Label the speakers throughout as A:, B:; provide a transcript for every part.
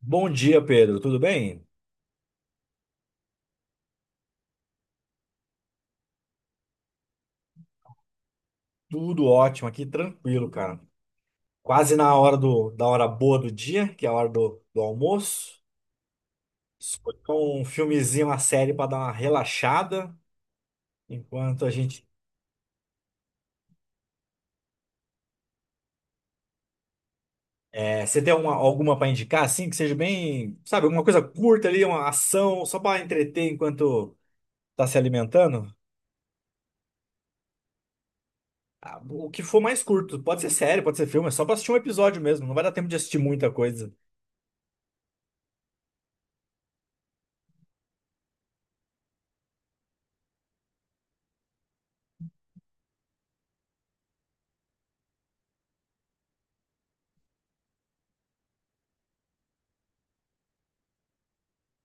A: Bom dia, Pedro. Tudo bem? Tudo ótimo aqui, tranquilo, cara. Quase na hora da hora boa do dia, que é a hora do almoço. Escolhi um filmezinho, uma série para dar uma relaxada. Enquanto a gente. Você tem alguma para indicar, assim, que seja bem, sabe, alguma coisa curta ali, uma ação, só para entreter enquanto tá se alimentando? Ah, o que for mais curto. Pode ser série, pode ser filme, é só para assistir um episódio mesmo. Não vai dar tempo de assistir muita coisa.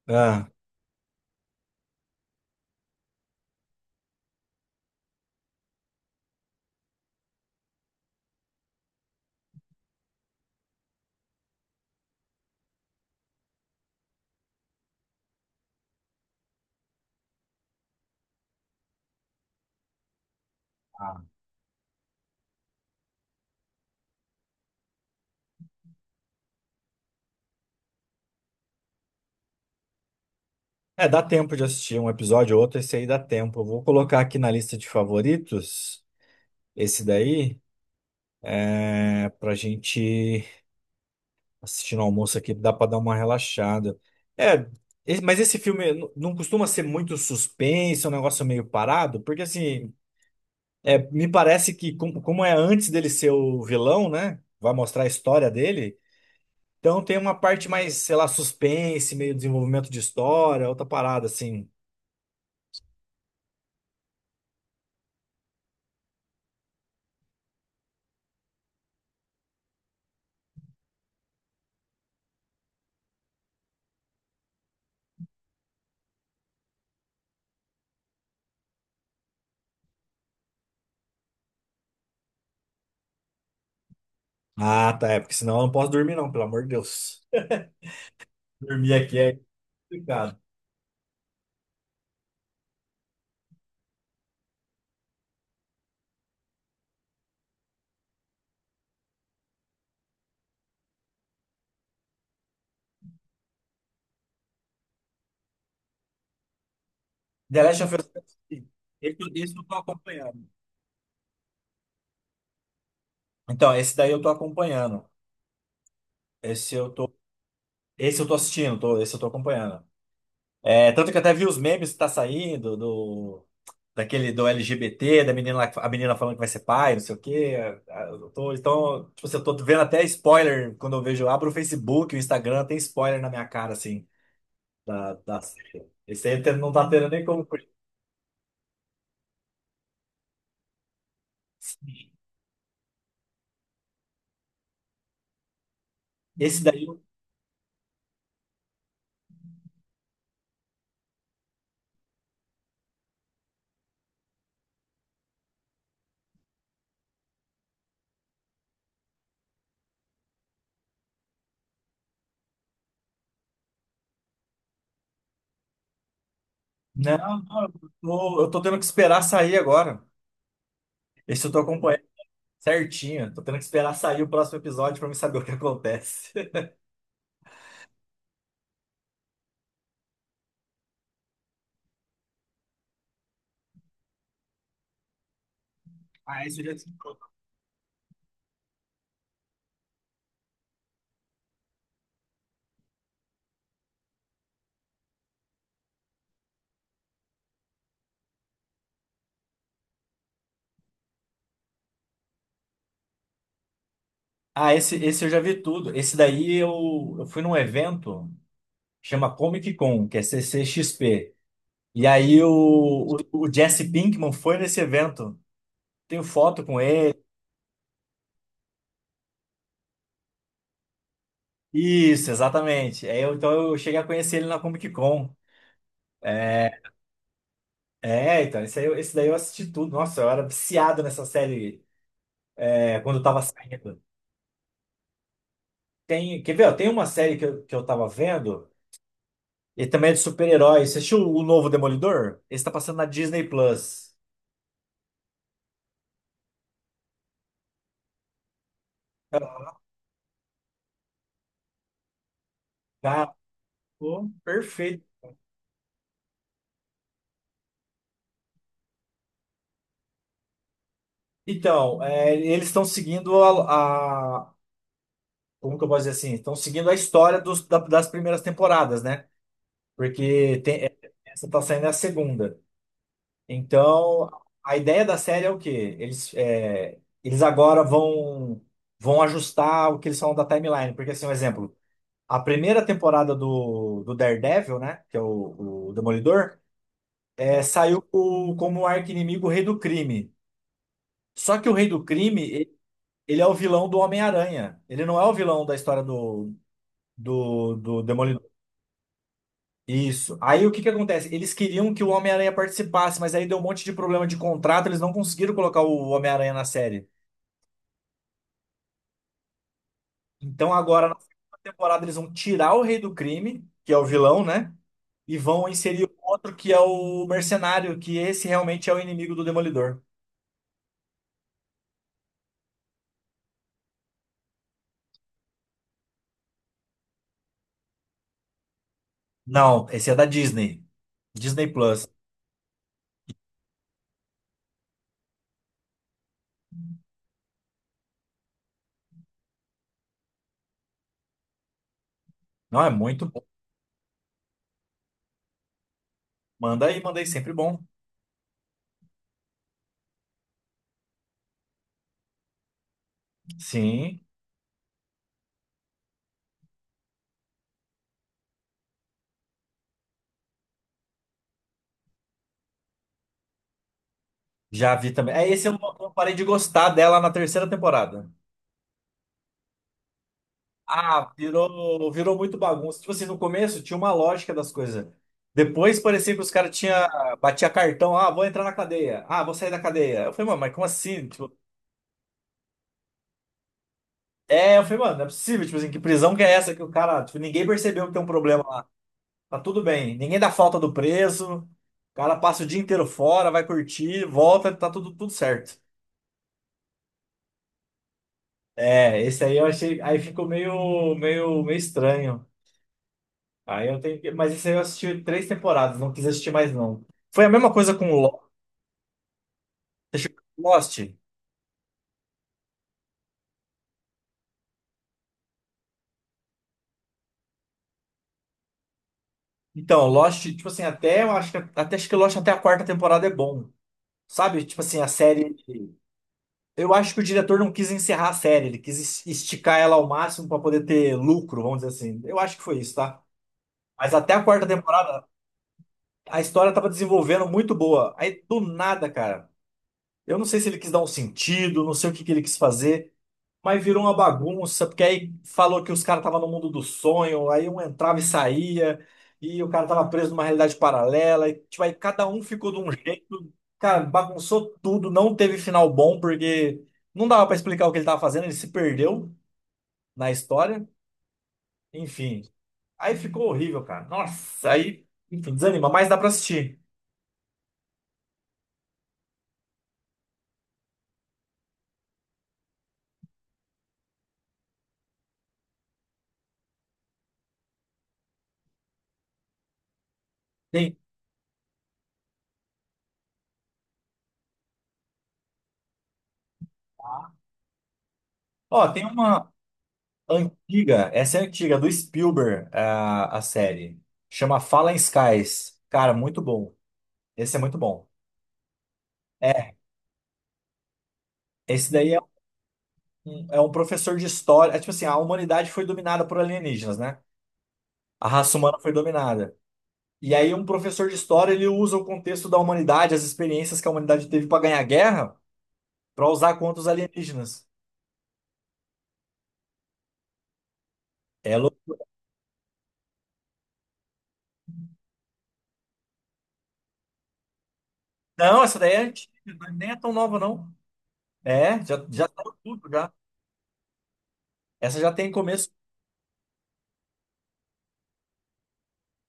A: Ah. É, dá tempo de assistir um episódio ou outro, esse aí dá tempo. Eu vou colocar aqui na lista de favoritos, esse daí, pra gente assistir no almoço aqui, dá pra dar uma relaxada. É, mas esse filme não costuma ser muito suspense, é um negócio meio parado, porque assim, é, me parece que como é antes dele ser o vilão, né? Vai mostrar a história dele, então tem uma parte mais, sei lá, suspense, meio desenvolvimento de história, outra parada, assim. Ah, tá. É, porque senão eu não posso dormir, não, pelo amor de Deus. Dormir aqui é complicado. The Last of Us, é assim, esse eu tô acompanhando. Então, esse daí eu tô acompanhando. Esse eu tô, esse eu tô assistindo, esse eu tô acompanhando. É, tanto que até vi os memes que tá saindo daquele do LGBT, da menina lá, a menina falando que vai ser pai, não sei o quê. Ah, então, tipo, assim, eu tô vendo até spoiler quando eu vejo, eu abro o Facebook, o Instagram, tem spoiler na minha cara, assim, da série. Esse aí até não tá tendo nem como. Esse daí, eu- não, não, eu tô tendo que esperar sair agora. Esse eu tô acompanhando certinho. Tô tendo que esperar sair o próximo episódio pra me saber o que acontece. Ah, esse eu já vi. Ah, esse eu já vi tudo. Esse daí eu fui num evento, chama Comic Con, que é CCXP. E aí o Jesse Pinkman foi nesse evento. Tenho foto com ele. Isso, exatamente. Então eu cheguei a conhecer ele na Comic Con. É, é, então, esse daí eu assisti tudo. Nossa, eu era viciado nessa série é, quando eu tava saindo. Tem, quer ver? Ó, tem uma série que eu tava vendo, e também é de super-herói. Você assistiu o novo Demolidor? Esse tá passando na Disney Plus. Cara, pô, perfeito. Então, é, eles estão seguindo a- como que eu posso dizer assim? Estão seguindo a história das primeiras temporadas, né? Porque tem, essa tá saindo é a segunda. Então, a ideia da série é o quê? Eles agora vão, vão ajustar o que eles falam da timeline. Porque, assim, um exemplo, a primeira temporada do Daredevil, né? Que é o Demolidor, é, como arqui-inimigo o Rei do Crime. Só que o Rei do Crime, e- Ele é o vilão do Homem-Aranha. Ele não é o vilão da história do Demolidor. Isso. Aí o que que acontece? Eles queriam que o Homem-Aranha participasse, mas aí deu um monte de problema de contrato, eles não conseguiram colocar o Homem-Aranha na série. Então agora na segunda temporada eles vão tirar o Rei do Crime, que é o vilão, né? E vão inserir o outro que é o Mercenário, que esse realmente é o inimigo do Demolidor. Não, esse é da Disney. Disney Plus. Não, é muito bom. Manda aí, sempre bom. Sim, já vi também. É, esse eu não eu parei de gostar dela na terceira temporada. Ah, virou muito bagunça. Tipo assim, no começo tinha uma lógica das coisas. Depois parecia que os caras tinha batia cartão, ah, vou entrar na cadeia. Ah, vou sair da cadeia. Eu falei, mano, mas como assim? Tipo, é, eu falei, mano, não é possível, tipo assim, que prisão que é essa que o cara, tipo, ninguém percebeu que tem um problema lá. Tá tudo bem. Ninguém dá falta do preso. O cara passa o dia inteiro fora, vai curtir, volta, tá tudo certo. É, esse aí eu achei, aí ficou meio meio estranho. Aí eu tenho que... Mas isso aí eu assisti três temporadas, não quis assistir mais não. Foi a mesma coisa com você chegou com Lost. Então, Lost, tipo assim, até acho que Lost até a quarta temporada é bom. Sabe? Tipo assim, a série. Eu acho que o diretor não quis encerrar a série, ele quis esticar ela ao máximo para poder ter lucro, vamos dizer assim. Eu acho que foi isso, tá? Mas até a quarta temporada, a história tava desenvolvendo muito boa. Aí do nada, cara. Eu não sei se ele quis dar um sentido, não sei o que que ele quis fazer. Mas virou uma bagunça, porque aí falou que os caras estavam no mundo do sonho, aí um entrava e saía, e o cara tava preso numa realidade paralela, e tipo, aí cada um ficou de um jeito. Cara, bagunçou tudo, não teve final bom, porque não dava pra explicar o que ele tava fazendo, ele se perdeu na história. Enfim, aí ficou horrível, cara. Nossa, aí, enfim, desanima, mas dá pra assistir. Tem, ó, tem uma. Antiga, essa é antiga, do Spielberg, a série. Chama Fallen Skies. Cara, muito bom. Esse é muito bom. É, esse daí é é um professor de história. É tipo assim, a humanidade foi dominada por alienígenas, né? A raça humana foi dominada. E aí um professor de história, ele usa o contexto da humanidade, as experiências que a humanidade teve para ganhar guerra, para usar contra os alienígenas. É louco. Não, essa daí é antiga, nem é tão nova, não. É, já tá tudo já. Essa já tem começo,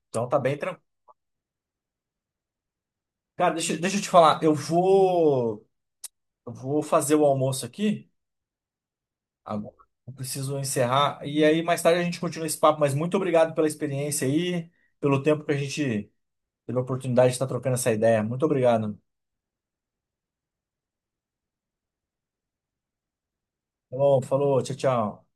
A: então tá bem tranquilo. Cara, deixa eu te falar. Eu vou fazer o almoço aqui. Agora. Eu preciso encerrar. E aí, mais tarde, a gente continua esse papo. Mas muito obrigado pela experiência aí, pelo tempo que a gente teve a oportunidade de estar trocando essa ideia. Muito obrigado. Falou, falou, tchau, tchau.